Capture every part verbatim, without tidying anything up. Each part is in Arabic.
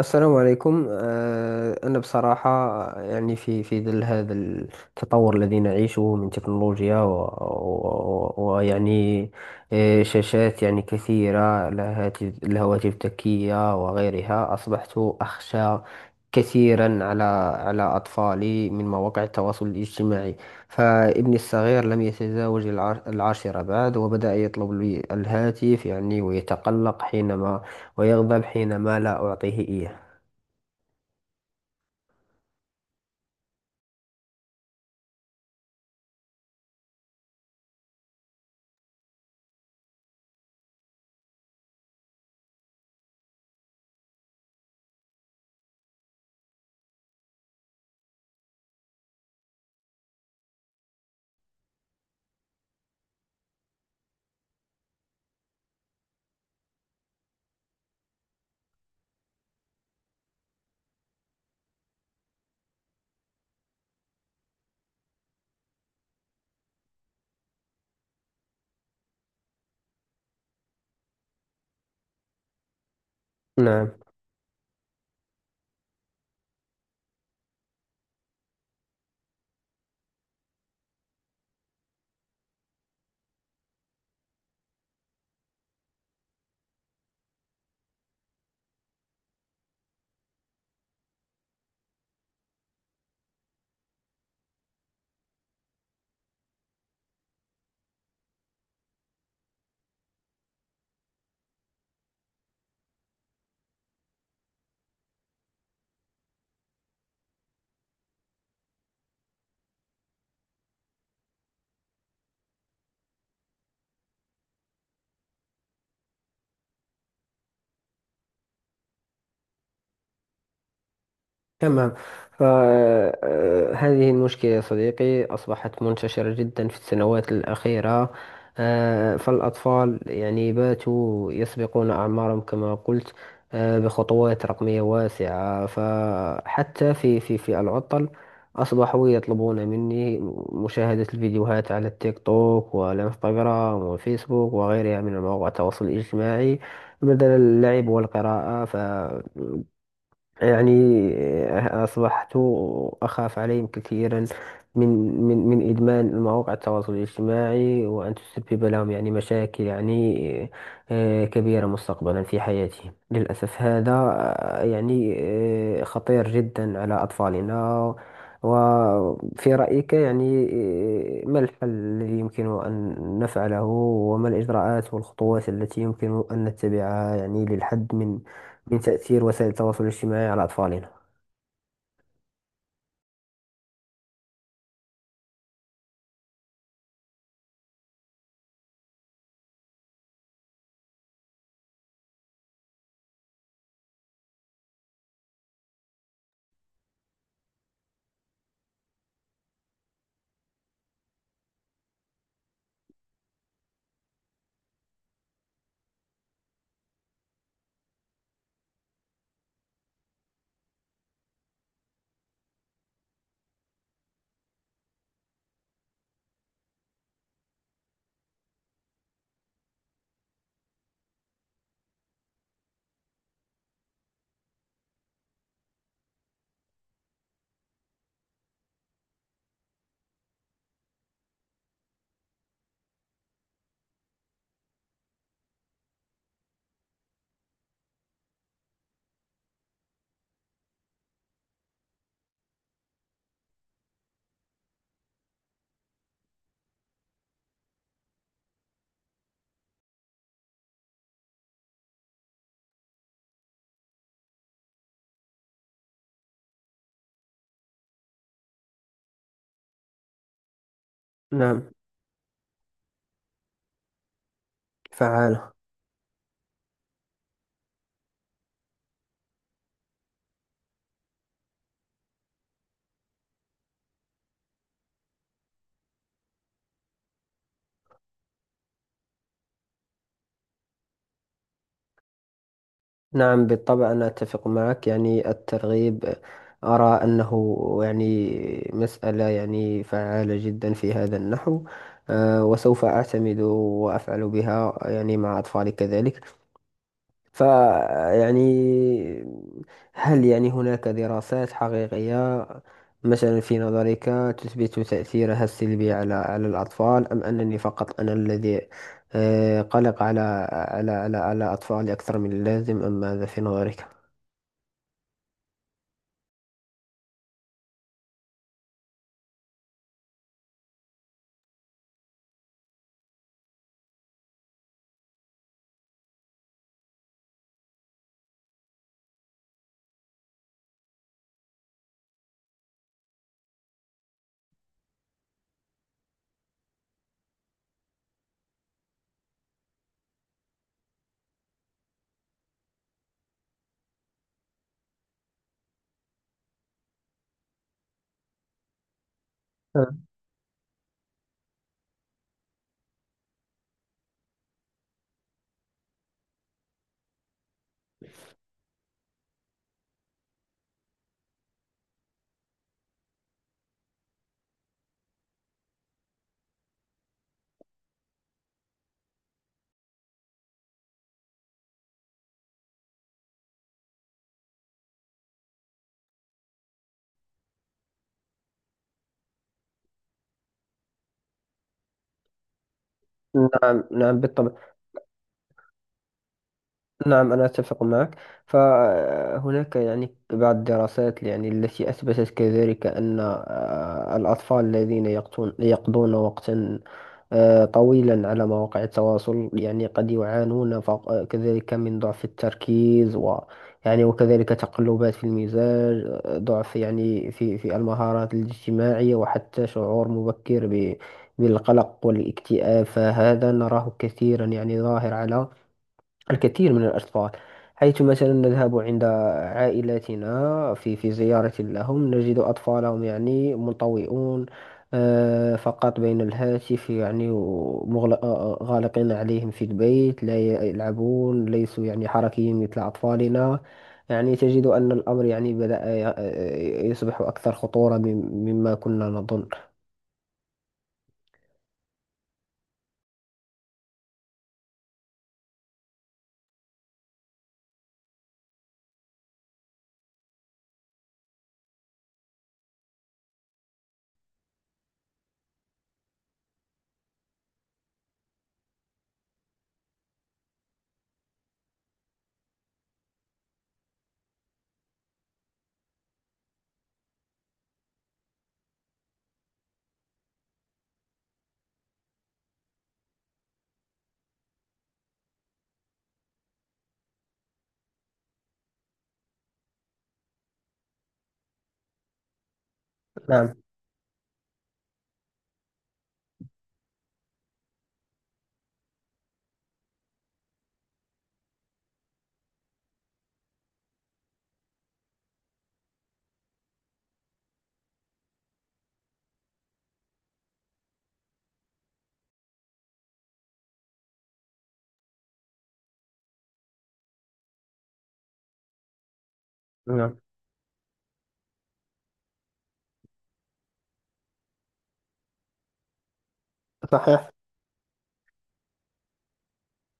السلام عليكم. آه، أنا بصراحة يعني في في ظل هذا التطور الذي نعيشه من تكنولوجيا و- و- و- ويعني آه، شاشات يعني كثيرة، الهاتف، الهواتف الذكية وغيرها، أصبحت أخشى كثيرا على على أطفالي من مواقع التواصل الاجتماعي. فابني الصغير لم يتزاوج العاش- العاشرة بعد، وبدأ يطلب لي الهاتف يعني، ويتقلق حينما ويغضب حينما لا أعطيه إياه. نعم. تمام. فهذه المشكلة يا صديقي أصبحت منتشرة جدا في السنوات الأخيرة. آه، فالأطفال يعني باتوا يسبقون أعمارهم كما قلت، آه، بخطوات رقمية واسعة. فحتى في في في العطل أصبحوا يطلبون مني مشاهدة الفيديوهات على التيك توك والإنستغرام والفيسبوك وغيرها من مواقع التواصل الاجتماعي بدل اللعب والقراءة. ف يعني، آه، أصبحت أخاف عليهم كثيرا من من من إدمان مواقع التواصل الاجتماعي، وأن تسبب لهم يعني مشاكل يعني آه، كبيرة مستقبلا في حياتهم. للأسف هذا آه، يعني آه، خطير جدا على أطفالنا. وفي رأيك يعني آه، ما الحل الذي يمكن أن نفعله، وما الإجراءات والخطوات التي يمكن أن نتبعها يعني للحد من لتأثير وسائل التواصل الاجتماعي على أطفالنا؟ نعم. فعالة. نعم، بالطبع أنا أتفق معك. يعني الترغيب أرى أنه يعني مسألة يعني فعالة جدا في هذا النحو. آه، وسوف أعتمد وأفعل بها يعني مع أطفالي كذلك. فيعني، هل يعني هناك دراسات حقيقية مثلا في نظرك تثبت تأثيرها السلبي على على الأطفال، أم أنني فقط أنا الذي آه، قلق على على على على أطفالي أكثر من اللازم، أم ماذا في نظرك؟ نعم، نعم، بالطبع. نعم، أنا أتفق معك. فهناك يعني بعض الدراسات يعني التي أثبتت كذلك أن آه، الأطفال الذين يقضون يقضون وقتا آه، طويلا على مواقع التواصل يعني قد يعانون فق- كذلك من ضعف التركيز، و يعني وكذلك تقلبات في المزاج، آه، ضعف يعني في في المهارات الاجتماعية، وحتى شعور مبكر ب- بالقلق والاكتئاب. فهذا نراه كثيرا يعني ظاهر على الكثير من الأطفال. حيث مثلا نذهب عند عائلاتنا في في زيارة لهم، نجد أطفالهم يعني منطوئون آه، فقط بين الهاتف يعني، ومغل- آه، آه، غالقين عليهم في البيت، لا ي- يلعبون، ليسوا يعني حركيين مثل أطفالنا. يعني تجد أن الأمر يعني بدأ ي- آه، يصبح أكثر خطورة مم- مما كنا نظن. نعم، نعم. صحيح،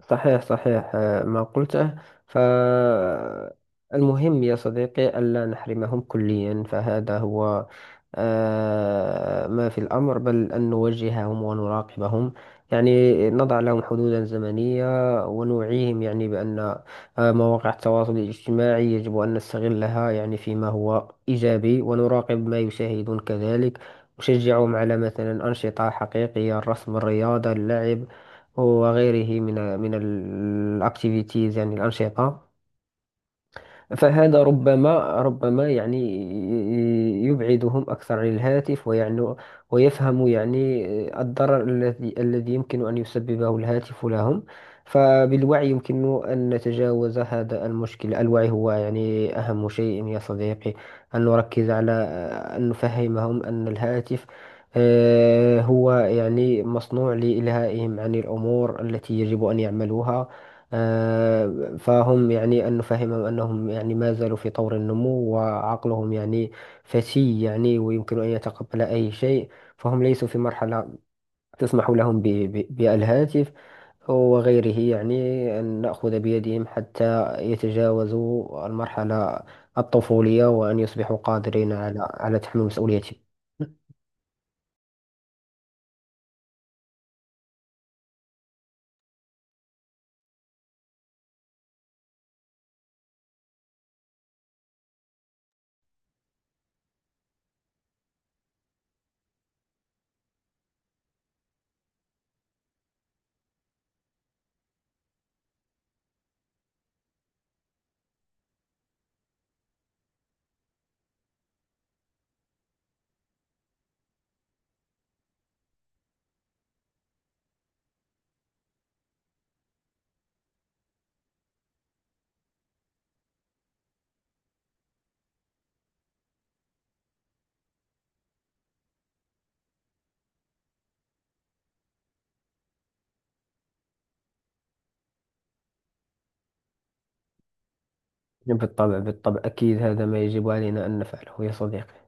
صحيح، صحيح. آه، ما قلته. فالمهم يا صديقي ألا نحرمهم كليا، فهذا هو آه، ما في الأمر، بل أن نوجههم ونراقبهم، يعني نضع لهم حدودا زمنية ونوعيهم، يعني بأن آه، مواقع التواصل الاجتماعي يجب أن نستغلها يعني فيما هو إيجابي، ونراقب ما يشاهدون كذلك. نشجعهم على مثلا أنشطة حقيقية، الرسم، الرياضة، اللعب، وغيره من من الأكتيفيتيز، يعني الأنشطة. فهذا ربما ربما يعني ي- يبعدهم أكثر عن الهاتف ويعني، ويفهم يعني الضرر الذي الذي يمكن أن يسببه الهاتف لهم. فبالوعي يمكن أن نتجاوز هذا المشكل. الوعي هو يعني أهم شيء يا صديقي، أن نركز على أن نفهمهم أن الهاتف آه، هو يعني مصنوع لإلهائهم عن الأمور التي يجب أن يعملوها. آه، فهم يعني أن نفهمهم أنهم يعني ما زالوا في طور النمو، وعقلهم يعني فتي يعني، ويمكن أن يتقبل أي شيء، فهم ليسوا في مرحلة تسمح لهم ب- ب- بالهاتف وغيره. يعني أن نأخذ بيدهم حتى يتجاوزوا المرحلة الطفولية، وأن يصبحوا قادرين على على تحمل مسؤوليتهم. بالطبع، بالطبع، أكيد، هذا ما يجب علينا أن نفعله يا صديقي.